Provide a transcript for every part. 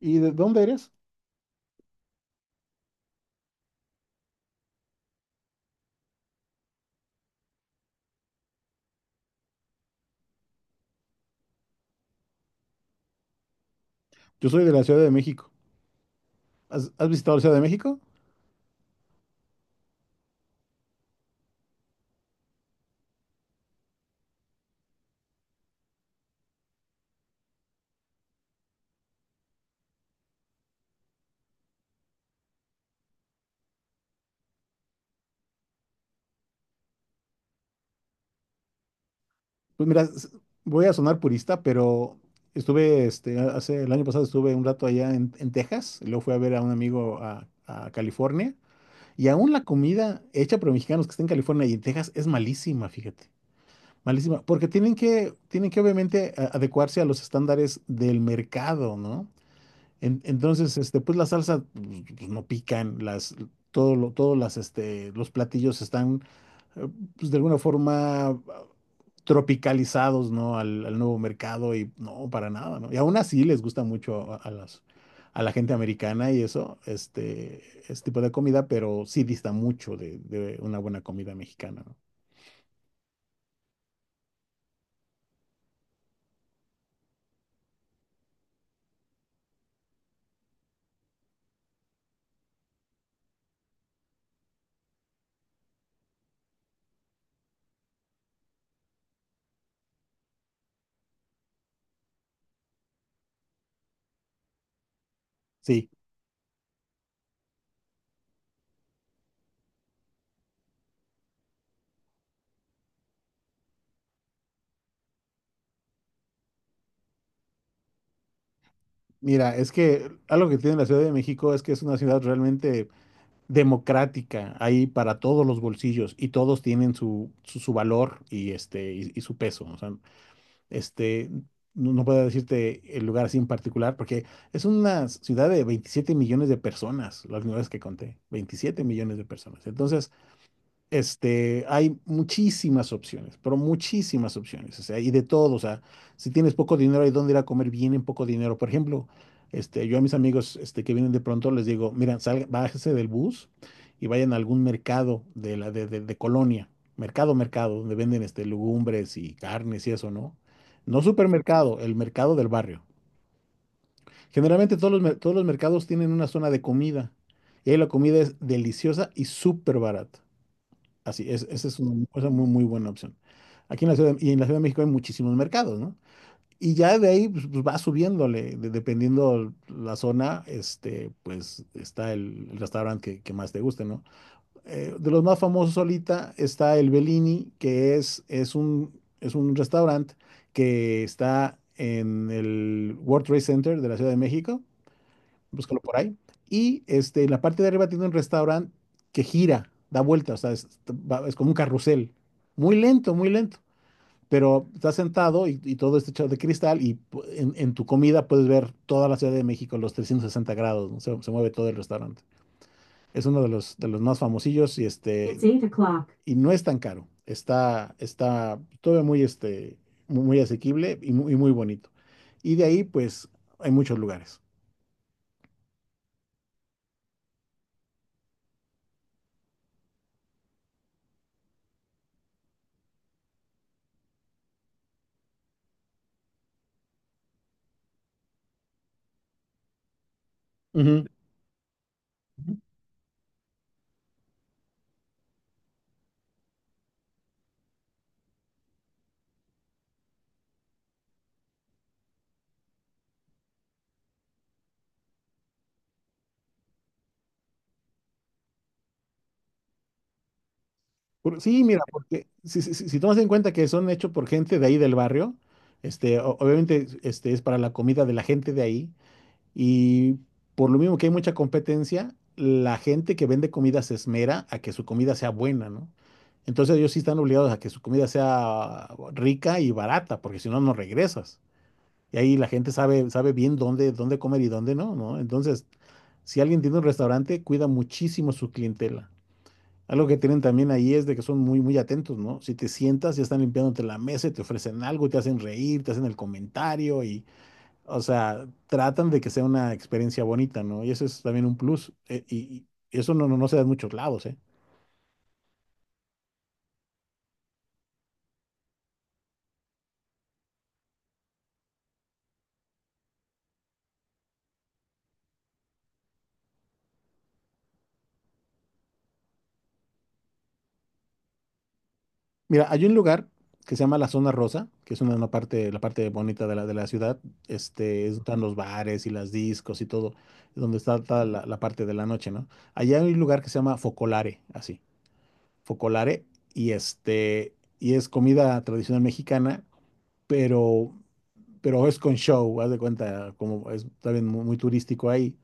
¿Y de dónde eres? Yo soy de la Ciudad de México. ¿Has visitado la Ciudad de México? Pues mira, voy a sonar purista, pero hace el año pasado estuve un rato allá en Texas, y luego fui a ver a un amigo a California, y aún la comida hecha por mexicanos que está en California y en Texas es malísima, fíjate, malísima, porque tienen que obviamente adecuarse a los estándares del mercado, ¿no? Entonces, pues la salsa pues, no pican, las, todo lo, todos las, este, los platillos están, eh, pues de alguna forma tropicalizados, ¿no? Al nuevo mercado y no, para nada, ¿no? Y aún así les gusta mucho a la gente americana y eso, este tipo de comida, pero sí dista mucho de una buena comida mexicana, ¿no? Sí. Mira, es que algo que tiene la Ciudad de México es que es una ciudad realmente democrática, hay para todos los bolsillos y todos tienen su valor y, y su peso. O sea, este, no, no puedo decirte el lugar así en particular porque es una ciudad de 27 millones de personas, las nuevas que conté, 27 millones de personas. Entonces, hay muchísimas opciones, pero muchísimas opciones, o sea, y de todo, o sea, si tienes poco dinero, hay dónde ir a comer bien en poco dinero. Por ejemplo, yo a mis amigos, que vienen de pronto les digo, miren, salga, bájese del bus y vayan a algún mercado de la de colonia, mercado, mercado, donde venden legumbres y carnes y eso, ¿no? No supermercado, el mercado del barrio. Generalmente todos los mercados tienen una zona de comida y ahí la comida es deliciosa y súper barata. Así es, esa muy, muy buena opción. Aquí en la ciudad, y en la Ciudad de México hay muchísimos mercados, ¿no? Y ya de ahí pues, va subiéndole, dependiendo la zona, pues está el restaurante que más te guste, ¿no? De los más famosos ahorita está el Bellini, que es un restaurante que está en el World Trade Center de la Ciudad de México. Búscalo por ahí. Y en la parte de arriba tiene un restaurante que gira, da vuelta, o sea, es como un carrusel. Muy lento, muy lento. Pero estás sentado y todo está hecho de cristal y en tu comida puedes ver toda la Ciudad de México, los 360 grados, ¿no? Se mueve todo el restaurante. Es uno de los más famosillos y It's eight o'clock. Y no es tan caro. Está todo muy, muy, muy asequible y muy bonito. Y de ahí, pues, hay muchos lugares. Ujú. Ujú. Sí, mira, porque si tomas en cuenta que son hechos por gente de ahí del barrio, obviamente es para la comida de la gente de ahí y por lo mismo que hay mucha competencia, la gente que vende comida se esmera a que su comida sea buena, ¿no? Entonces ellos sí están obligados a que su comida sea rica y barata, porque si no, no regresas. Y ahí la gente sabe bien dónde comer y dónde no, ¿no? Entonces, si alguien tiene un restaurante, cuida muchísimo su clientela. Algo que tienen también ahí es de que son muy, muy atentos, ¿no? Si te sientas, ya están limpiándote la mesa y te ofrecen algo, te hacen reír, te hacen el comentario y, o sea, tratan de que sea una experiencia bonita, ¿no? Y eso es también un plus. Y eso no, no, no se da en muchos lados, ¿eh? Mira, hay un lugar que se llama la Zona Rosa, que es una parte, la parte bonita de la ciudad. Es donde están los bares y las discos y todo, es donde toda la parte de la noche, ¿no? Allá hay un lugar que se llama Focolare, así, Focolare, y es comida tradicional mexicana, pero, pero es con show, haz de cuenta, como es también muy, muy turístico ahí.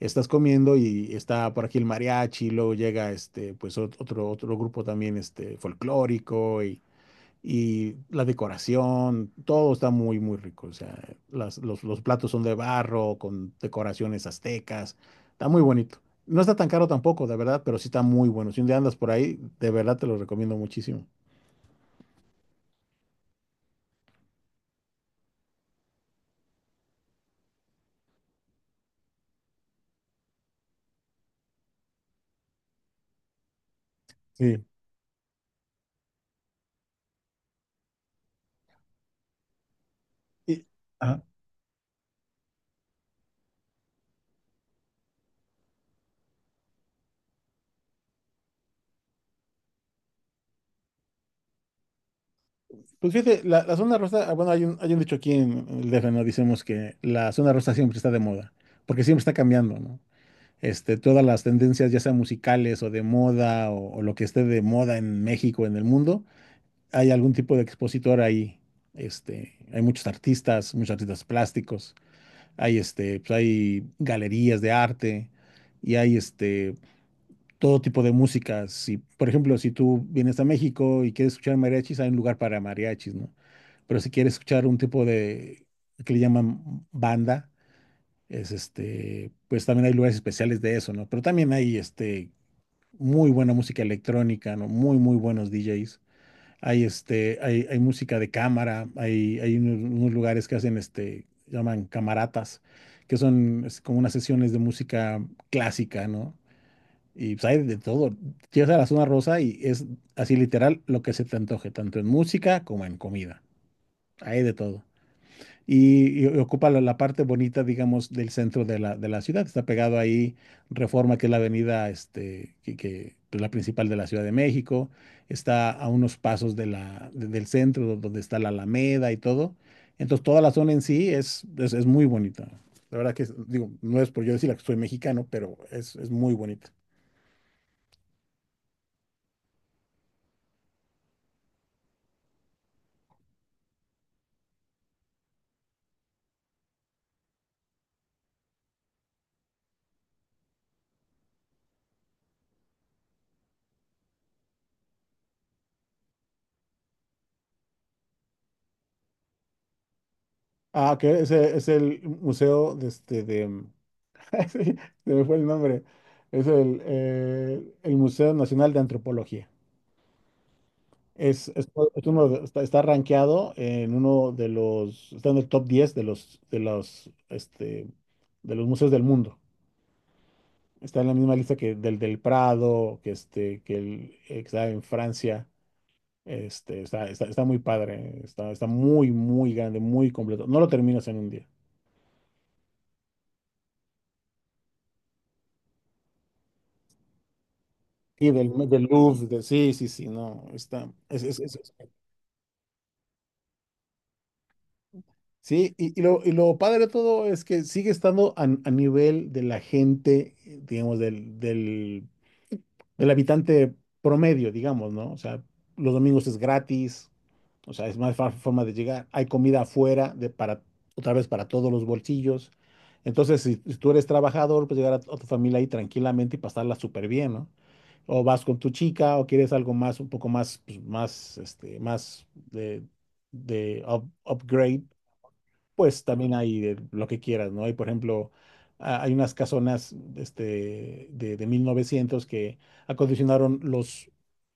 Estás comiendo y está por aquí el mariachi, luego llega pues otro grupo también folclórico y la decoración, todo está muy, muy rico. O sea, los platos son de barro, con decoraciones aztecas. Está muy bonito. No está tan caro tampoco, de verdad, pero sí está muy bueno. Si un día andas por ahí, de verdad te lo recomiendo muchísimo. Sí. Y, Ajá. Pues fíjate, la zona rosa, bueno, hay un dicho aquí en el DF, ¿no? Dicemos que la zona rosa siempre está de moda, porque siempre está cambiando, ¿no? Todas las tendencias, ya sean musicales o de moda o lo que esté de moda en México, en el mundo, hay algún tipo de expositor ahí. Hay muchos artistas plásticos, pues hay galerías de arte y hay todo tipo de música. Si, por ejemplo, si tú vienes a México y quieres escuchar mariachis, hay un lugar para mariachis, ¿no? Pero si quieres escuchar un tipo de que le llaman banda, pues también hay lugares especiales de eso, ¿no? Pero también hay muy buena música electrónica, ¿no? Muy, muy buenos DJs. Hay música de cámara, hay unos lugares que hacen, llaman camaratas, que son como unas sesiones de música clásica, ¿no? Y pues, hay de todo. Llegas a la zona rosa y es así literal lo que se te antoje, tanto en música como en comida. Hay de todo y ocupa la parte bonita, digamos, del centro de la ciudad. Está pegado ahí Reforma, que es la avenida, que, pues, la principal de la Ciudad de México. Está a unos pasos del centro, donde está la Alameda y todo. Entonces, toda la zona en sí es muy bonita. La verdad que, digo, no es por yo decir que soy mexicano, pero es muy bonita. Ah, que ese es el museo de este de. Sí, se me fue el nombre. Es el Museo Nacional de Antropología. Es, es- es uno de- está, está rankeado en uno de los, está en el top 10 de los museos del mundo. Está en la misma lista que del Prado, que está en Francia. Está muy padre, está muy, muy grande, muy completo. No lo terminas en un día. Sí, del Louvre, sí, sí, sí, no, está, es- sí, y lo padre de todo es que sigue estando a nivel de la gente, digamos, del habitante promedio, digamos, ¿no? O sea, los domingos es gratis. O sea, es más fácil forma de llegar. Hay comida afuera para, otra vez para todos los bolsillos. Entonces, si tú eres trabajador, pues llegar a tu familia ahí tranquilamente y pasarla súper bien, ¿no? O vas con tu chica o quieres algo más, un poco más, pues, más, upgrade, pues también hay de lo que quieras, ¿no? Hay, por ejemplo, hay unas casonas de 1900 que acondicionaron los,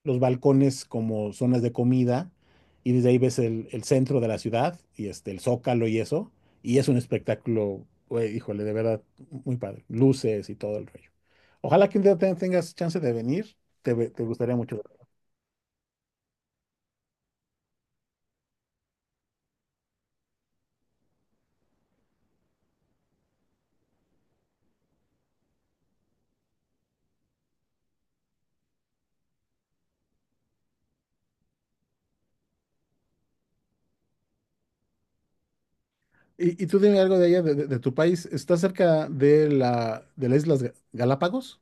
los balcones como zonas de comida y desde ahí ves el centro de la ciudad y el Zócalo y eso, y es un espectáculo, güey, híjole, de verdad, muy padre, luces y todo el rollo. Ojalá que un día tengas chance de venir, te gustaría mucho. Y tú dime algo de allá, de tu país, ¿estás cerca de las Islas Galápagos?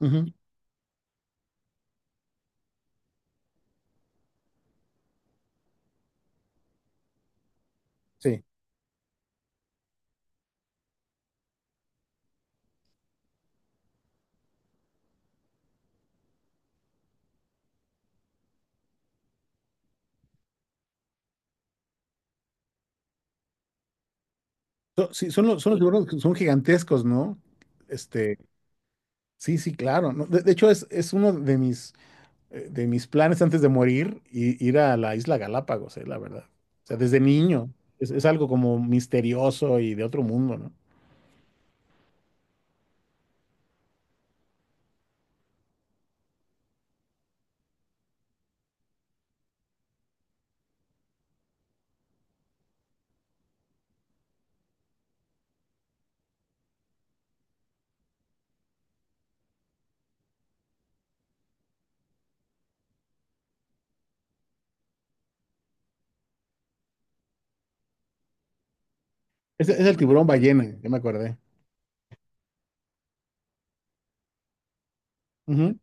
Ujú. Sí, sí, son los tiburones que son gigantescos, ¿no? Este, sí, sí, claro. ¿No? De hecho, es uno de mis planes antes de morir, ir a la isla Galápagos, la verdad. O sea, desde niño. Es algo como misterioso y de otro mundo, ¿no? Es el tiburón ballena, ya me acordé. Ujú.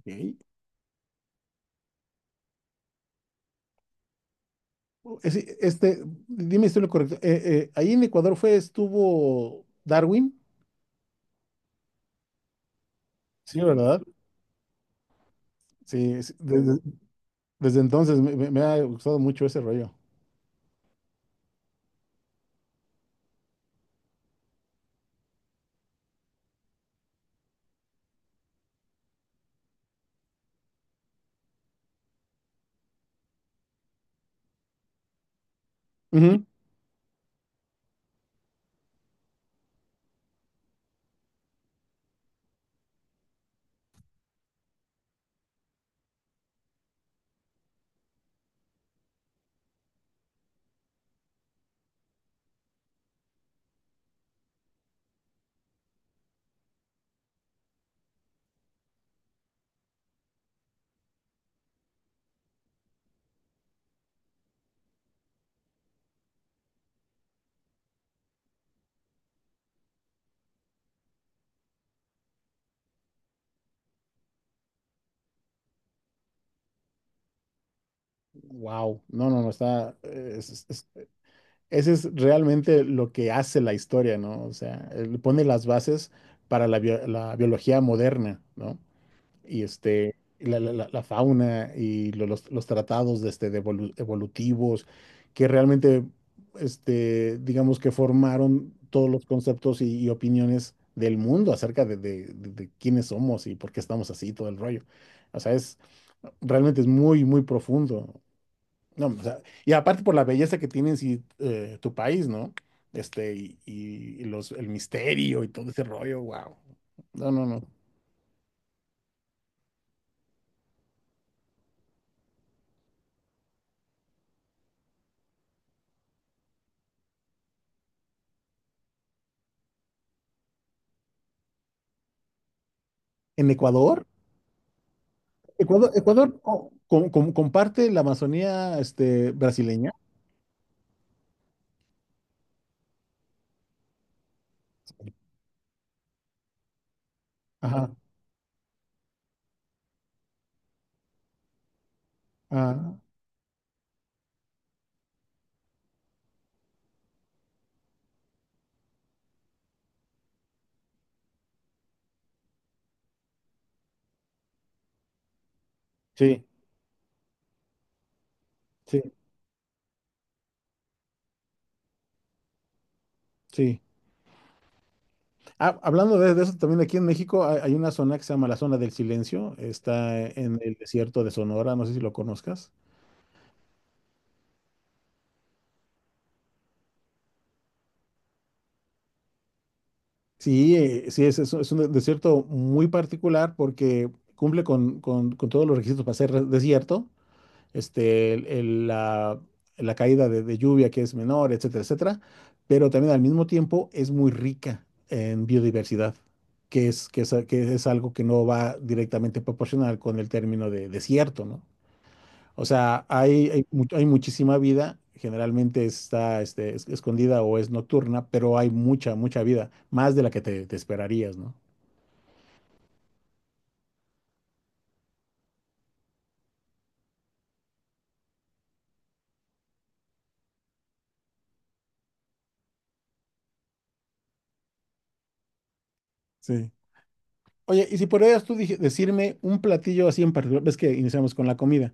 Ok. Dime si estoy en lo correcto. Ahí en Ecuador estuvo Darwin. Sí, ¿verdad? Sí, sí, desde entonces me ha gustado mucho ese rollo. Wow, no, no, no, está, es- ese es realmente lo que hace la historia, ¿no? O sea, él pone las bases para la biología moderna, ¿no? Y la fauna y los tratados de de evolutivos, que digamos que formaron todos los conceptos y opiniones del mundo acerca de quiénes somos y por qué estamos así, todo el rollo. O sea, realmente es muy profundo. No, o sea, y aparte por la belleza que tiene en sí, tu país, ¿no? Y el misterio y todo ese rollo, wow. No, no, no. En Ecuador comparte la Amazonía, este, brasileña. Ajá, ajá. Sí, sí, sí. Ah, hablando de eso, también aquí en México hay una zona que se llama la zona del silencio. Está en el desierto de Sonora, no sé si lo conozcas. Sí, sí, es un desierto muy particular porque cumple con todos los requisitos para ser desierto, este, el- el- la, la caída de lluvia que es menor, etcétera, etcétera, pero también al mismo tiempo es muy rica en biodiversidad, que es algo que no va directamente proporcional con el término de desierto, ¿no? O sea, hay muchísima vida, generalmente está escondida o es nocturna, pero hay mucha vida, más de la que te esperarías, ¿no? Sí. Oye, y si podrías tú decirme un platillo así en particular, ves que iniciamos con la comida,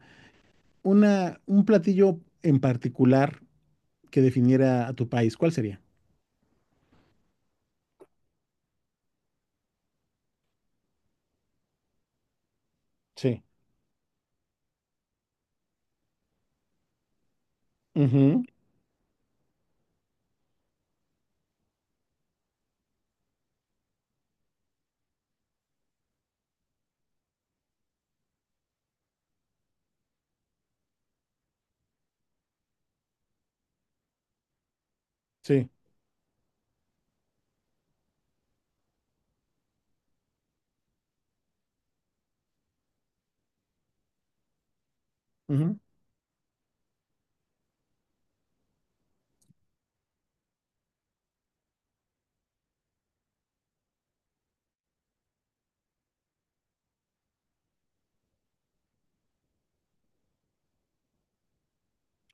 un platillo en particular que definiera a tu país, ¿cuál sería? Sí. Ujú, sí, ujú.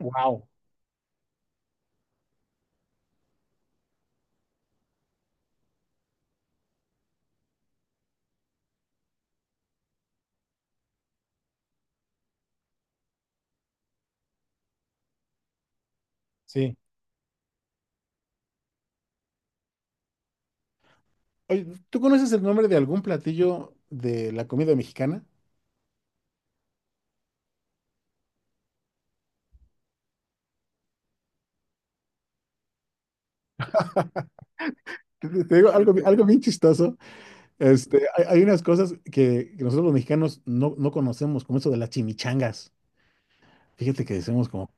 Wow. Sí. Oye, ¿tú conoces el nombre de algún platillo de la comida mexicana? Te te digo algo, algo bien chistoso. Este, hay unas cosas que nosotros los mexicanos no conocemos, como eso de las chimichangas. Fíjate que decimos como,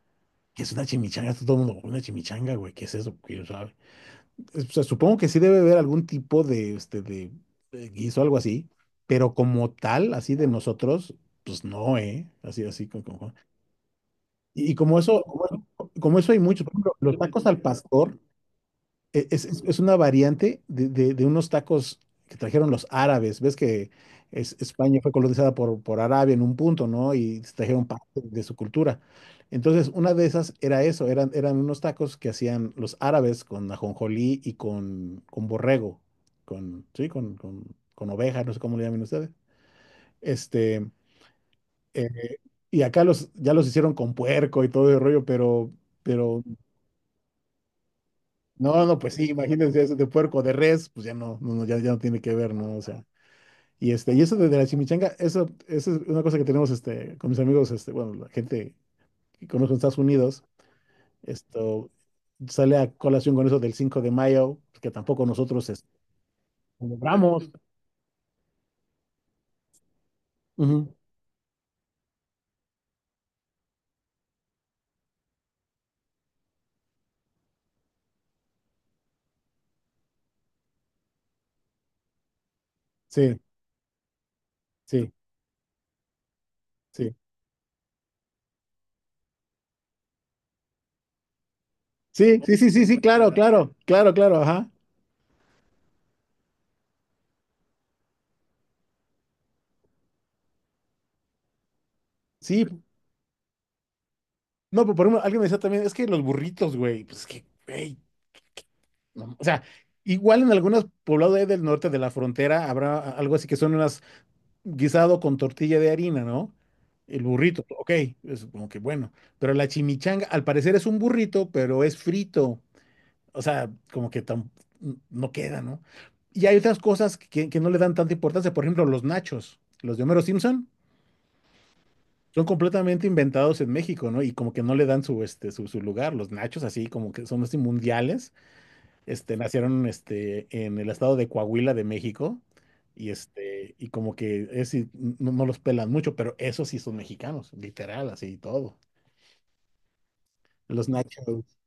¿qué es una chimichanga? Todo el mundo, una chimichanga, güey, ¿qué es eso? ¿Quién sabe? O sea, supongo que sí debe haber algún tipo de guiso, algo así, pero como tal, así de nosotros, pues no, ¿eh? Así, así, como, como- y como eso, como, como eso hay muchos, por ejemplo, los tacos al pastor, es una variante de unos tacos que trajeron los árabes. Ves que España fue colonizada por Arabia en un punto, ¿no? Y trajeron parte de su cultura. Entonces, una de esas era eso, eran unos tacos que hacían los árabes con ajonjolí y con borrego, con, sí, con oveja, no sé cómo le llaman ustedes. Este, eh, y acá los, ya los hicieron con puerco y todo el rollo, pero no, no, no, pues sí, imagínense eso de puerco, de res, pues ya no, ya no tiene que ver, ¿no? O sea, este, y eso de la chimichanga, eso es una cosa que tenemos este, con mis amigos, este, bueno, la gente que conozco en Estados Unidos, esto sale a colación con eso del 5 de mayo, que tampoco nosotros celebramos. Ujú, sí, sí, sí. Sí, sí, sí, sí, sí, claro, claro, claro, claro, ajá. Sí, no, pero por ejemplo, alguien me decía también, es que los burritos, güey, pues es que, güey, no, o sea, igual en algunos poblados ahí del norte de la frontera habrá algo así que son unas guisado con tortilla de harina, ¿no? El burrito, ok, es como que bueno, pero la chimichanga al parecer es un burrito, pero es frito, o sea, como que no queda, ¿no? Y hay otras cosas que no le dan tanta importancia, por ejemplo, los nachos, los de Homero Simpson, son completamente inventados en México, ¿no? Y como que no le dan este, su lugar, los nachos así como que son así mundiales este, nacieron este, en el estado de Coahuila de México y, este, y como que es, y no, no los pelan mucho, pero esos sí son mexicanos, literal, así y todo. Los nachos.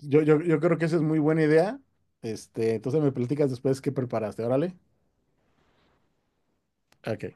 Yo creo que esa es muy buena idea. Este, entonces me platicas después qué preparaste, órale. Ok.